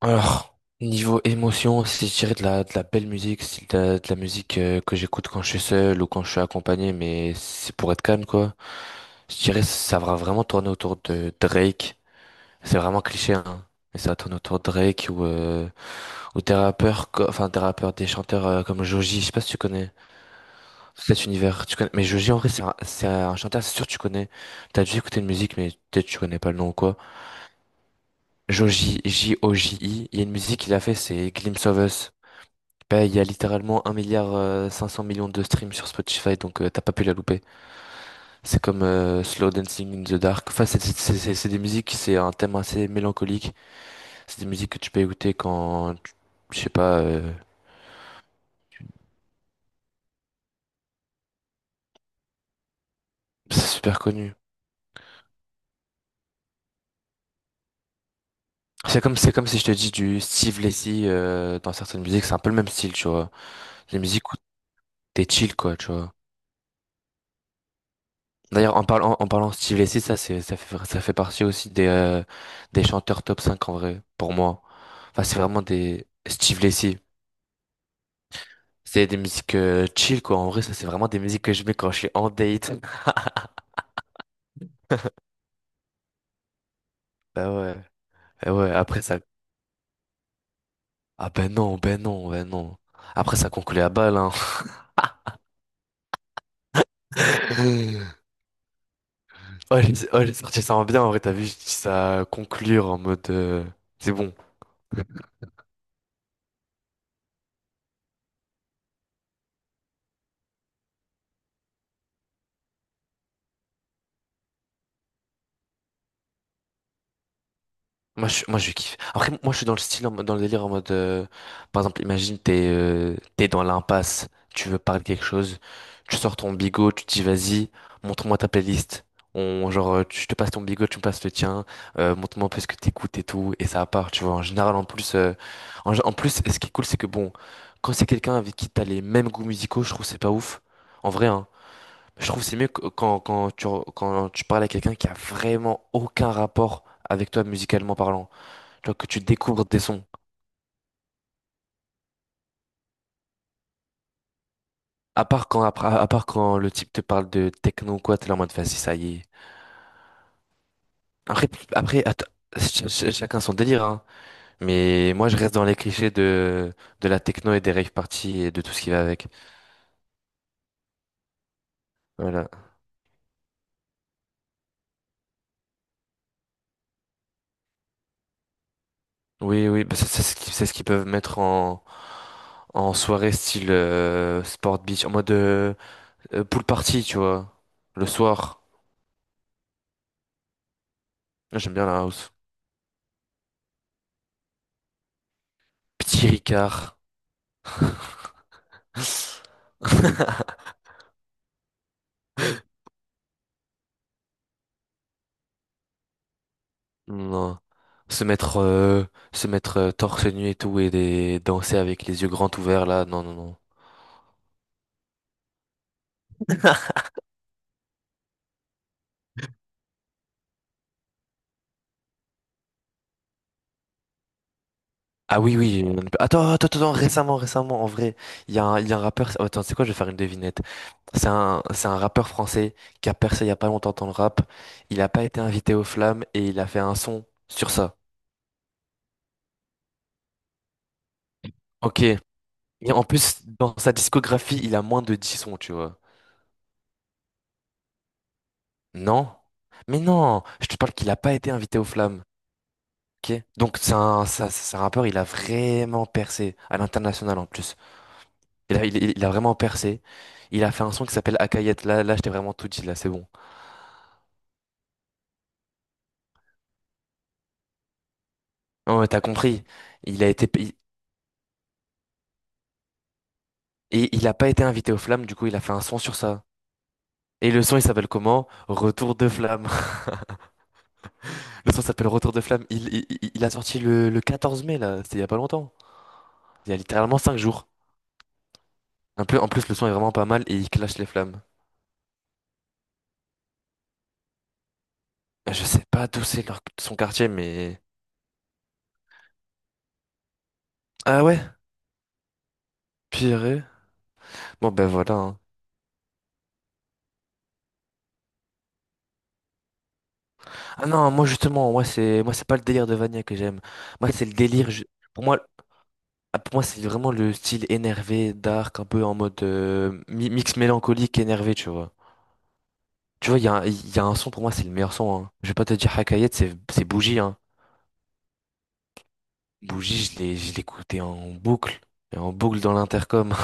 Alors, niveau émotion, si je dirais de la belle musique, style de la musique, que j'écoute quand je suis seul ou quand je suis accompagné, mais c'est pour être calme, quoi. Je dirais ça va vraiment tourner autour de Drake. C'est vraiment cliché, hein. Mais ça tourne autour de Drake ou des rappeurs, des chanteurs comme Joji, je sais pas si tu connais cet univers. Tu connais, mais Joji, en vrai, c'est un chanteur, c'est sûr que tu connais. T'as dû écouter une musique, mais peut-être tu connais pas le nom ou quoi. Joji, Joji, il y a une musique qu'il a fait, c'est Glimpse of Us. Bah, il y a littéralement un milliard 500 millions de streams sur Spotify, donc t'as pas pu la louper. C'est comme Slow Dancing in the Dark. Enfin, c'est des musiques, c'est un thème assez mélancolique. C'est des musiques que tu peux écouter, je sais pas, c'est super connu. C'est comme si je te dis du Steve Lacy dans certaines musiques, c'est un peu le même style, tu vois. Des musiques où t'es chill, quoi, tu vois. D'ailleurs, en parlant, de Steve Lacy, ça fait partie aussi des chanteurs top cinq, en vrai, pour moi. Enfin, c'est vraiment des Steve Lacy. C'est des musiques chill, quoi. En vrai, ça, c'est vraiment des musiques que je mets quand je suis en date. Bah ouais. Bah ouais, après ça. Ah ben non, ben non, ben non. Après, ça conclut à balle, hein. Oh, j'ai, oh, j'ai sorti ça en bien, en vrai, t'as vu, je dis ça à conclure en mode, c'est bon. Moi je kiffe. Après, moi je suis dans le style dans le délire en mode par exemple imagine t'es t'es dans l'impasse, tu veux parler de quelque chose, tu sors ton bigot, tu te dis vas-y, montre-moi ta playlist. On genre, te passes ton bigot, tu me passes le tien, montre-moi un peu ce que t'écoutes et tout et ça part, tu vois. En général, en plus, ce qui est cool, c'est que bon, quand c'est quelqu'un avec qui t'as les mêmes goûts musicaux, je trouve que c'est pas ouf. En vrai, hein. Je trouve que c'est mieux que quand tu parles à quelqu'un qui a vraiment aucun rapport avec toi musicalement parlant. Genre que tu découvres des sons. À part quand le type te parle de techno ou quoi, t'es là en mode, vas-y, ça y est. Après, après atta- ch- ch- chacun son délire, hein. Mais moi, je reste dans les clichés de la techno et des rave parties et de tout ce qui va avec. Voilà. Oui, oui, bah, c'est ce qu'ils peuvent mettre en soirée, style sport beach, en mode, pool party, tu vois. Le soir. Moi, j'aime bien la house. Petit Ricard. Non. Se mettre, euh, se mettre torse nu et tout, et danser avec les yeux grands ouverts là, non, non, non. Ah oui, oui. on ne peut- Attends, attends, attends, récemment, récemment, en vrai, il y a un rappeur. Oh, attends, c'est quoi, je vais faire une devinette. C'est un rappeur français qui a percé il y a pas longtemps dans le rap. Il a pas été invité aux flammes et il a fait un son sur ça. Ok. Et en plus, dans sa discographie, il a moins de 10 sons, tu vois. Non? Mais non, je te parle qu'il a pas été invité aux flammes. Ok. Donc c'est un rappeur, il a vraiment percé à l'international en plus. Il a vraiment percé. Il a fait un son qui s'appelle Akayet. Là, là, je t'ai vraiment tout dit, là, c'est bon. Non, mais t'as compris. Il a été, il- et il a pas été invité aux flammes, du coup, il a fait un son sur ça. Et le son, il s'appelle comment? Retour de flamme. Le son s'appelle Retour de flamme. Il a sorti le 14 mai, là, c'était il y a pas longtemps. Il y a littéralement 5 jours. Un peu, en plus, le son est vraiment pas mal et il clash les flammes. Je sais pas d'où c'est son quartier, mais. Ah ouais? Pire. Bon, ben voilà, hein. Ah non, moi justement, moi c'est pas le délire de Vania que j'aime. Moi c'est le délire. Pour moi, pour moi, c'est vraiment le style énervé, dark, un peu en mode, mix mélancolique énervé, tu vois. Tu vois, il y a un son, pour moi c'est le meilleur son, hein. Je vais pas te dire Hakayet, c'est Bougie. Hein. Bougie, je l'écoutais en boucle, et en boucle dans l'intercom.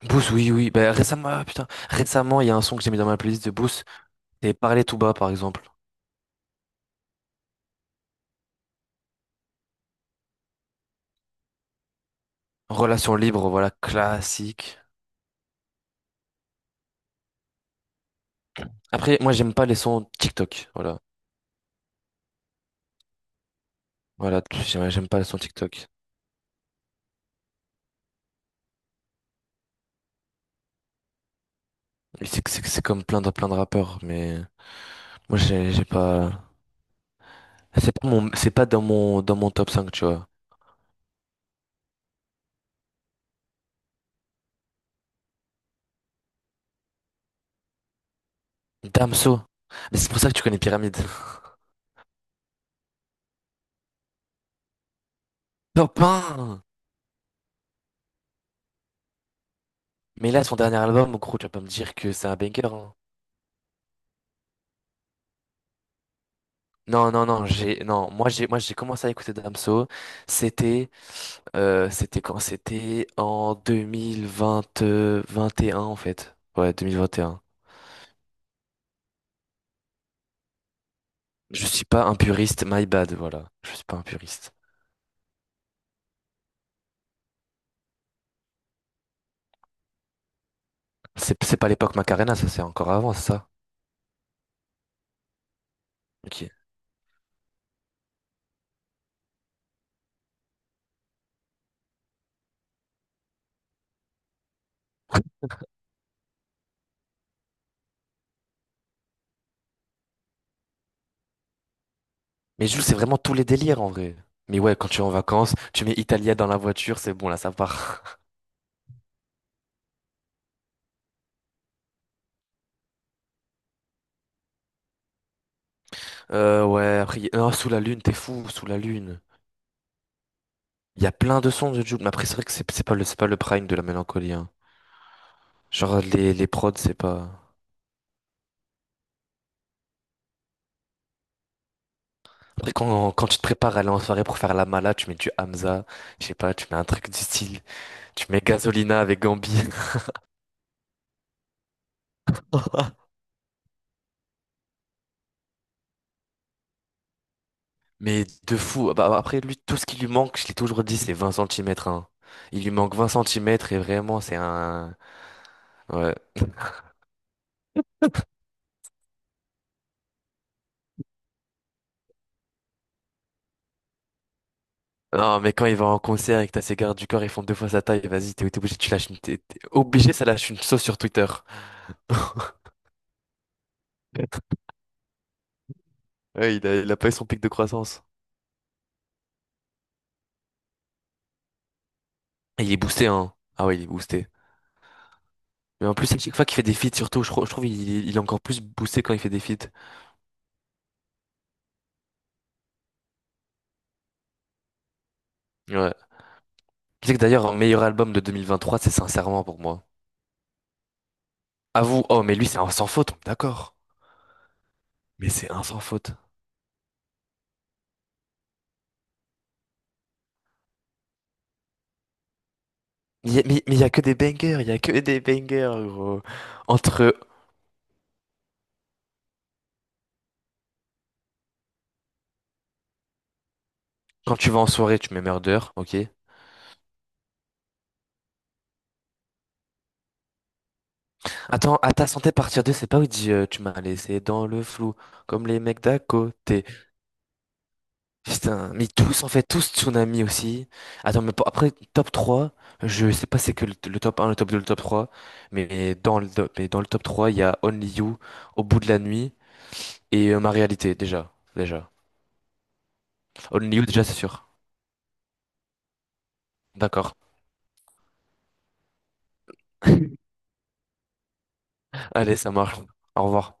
Boost, oui oui. Ben récemment, ah, putain, récemment il y a un son que j'ai mis dans ma playlist de Boost. C'est Parler tout bas, par exemple. Relation libre, voilà, classique. Après, moi, j'aime pas les sons TikTok. Voilà. Voilà, j'aime pas les sons TikTok. Et c'est comme plein de rappeurs, mais moi, j'ai pas. C'est pas mon, c'est pas dans mon, dans mon top cinq, tu vois. Damso. Mais c'est pour ça que tu connais Pyramide. Top 1! Mais là, son dernier album, gros, tu vas pas me dire que c'est un banger, hein. Non, non, non, j'ai, non, moi, j'ai commencé à écouter Damso. C'était, c'était quand? C'était en 2020, 21, en fait. Ouais, 2021. Je suis pas un puriste, my bad, voilà. Je suis pas un puriste. C'est pas l'époque Macarena, ça c'est encore avant, c'est ça. Ok. Mais Jules, c'est vraiment tous les délires, en vrai. Mais ouais, quand tu es en vacances, tu mets Italia dans la voiture, c'est bon, là ça part. Ouais, après, non, sous la lune, t'es fou, sous la lune. Il y a plein de sons de Jules, mais après c'est vrai que c'est pas le prime de la mélancolie, hein. Genre, les prods, c'est pas. Après, quand tu te prépares à aller en soirée pour faire la mala, tu mets du Hamza, je sais pas, tu mets un truc du style, tu mets Gasolina avec Gambi. Mais de fou. Ah, bah, après, lui, tout ce qui lui manque, je l'ai toujours dit, c'est 20 centimètres. Hein. Il lui manque 20 centimètres et vraiment, c'est un. Ouais. Non, mais quand il va en concert et que t'as ses gardes du corps, ils font deux fois sa taille, vas-y, t'es obligé, tu lâches une. T'es obligé, ça lâche une sauce sur Twitter. Ouais, il a pas eu son pic de croissance. Et il est boosté, hein. Ah ouais, il est boosté. Mais en plus, à chaque fois qu'il fait des feats, surtout, je trouve il est encore plus boosté quand il fait des feats. Ouais. Tu sais que d'ailleurs, un meilleur album de 2023, c'est Sincèrement pour moi. À vous, oh, mais lui, c'est un sans faute, d'accord. Mais c'est un sans faute. Il y a- mais il y a que des bangers, il y a que des bangers, gros. Entre quand tu vas en soirée, tu mets Murder, ok. Attends, à ta santé, partir deux, c'est pas où il dit tu m'as laissé dans le flou, comme les mecs d'à côté. Putain, mais tous, en fait, tous, Tsunami aussi. Attends, mais après, top trois, je sais pas c'est que le top un, le top deux, le top trois, mais dans le top 3 il y a Only You, Au bout de la nuit et Ma réalité, déjà. Déjà. Only You, déjà, c'est sûr. D'accord. Allez, ça marche. Au revoir.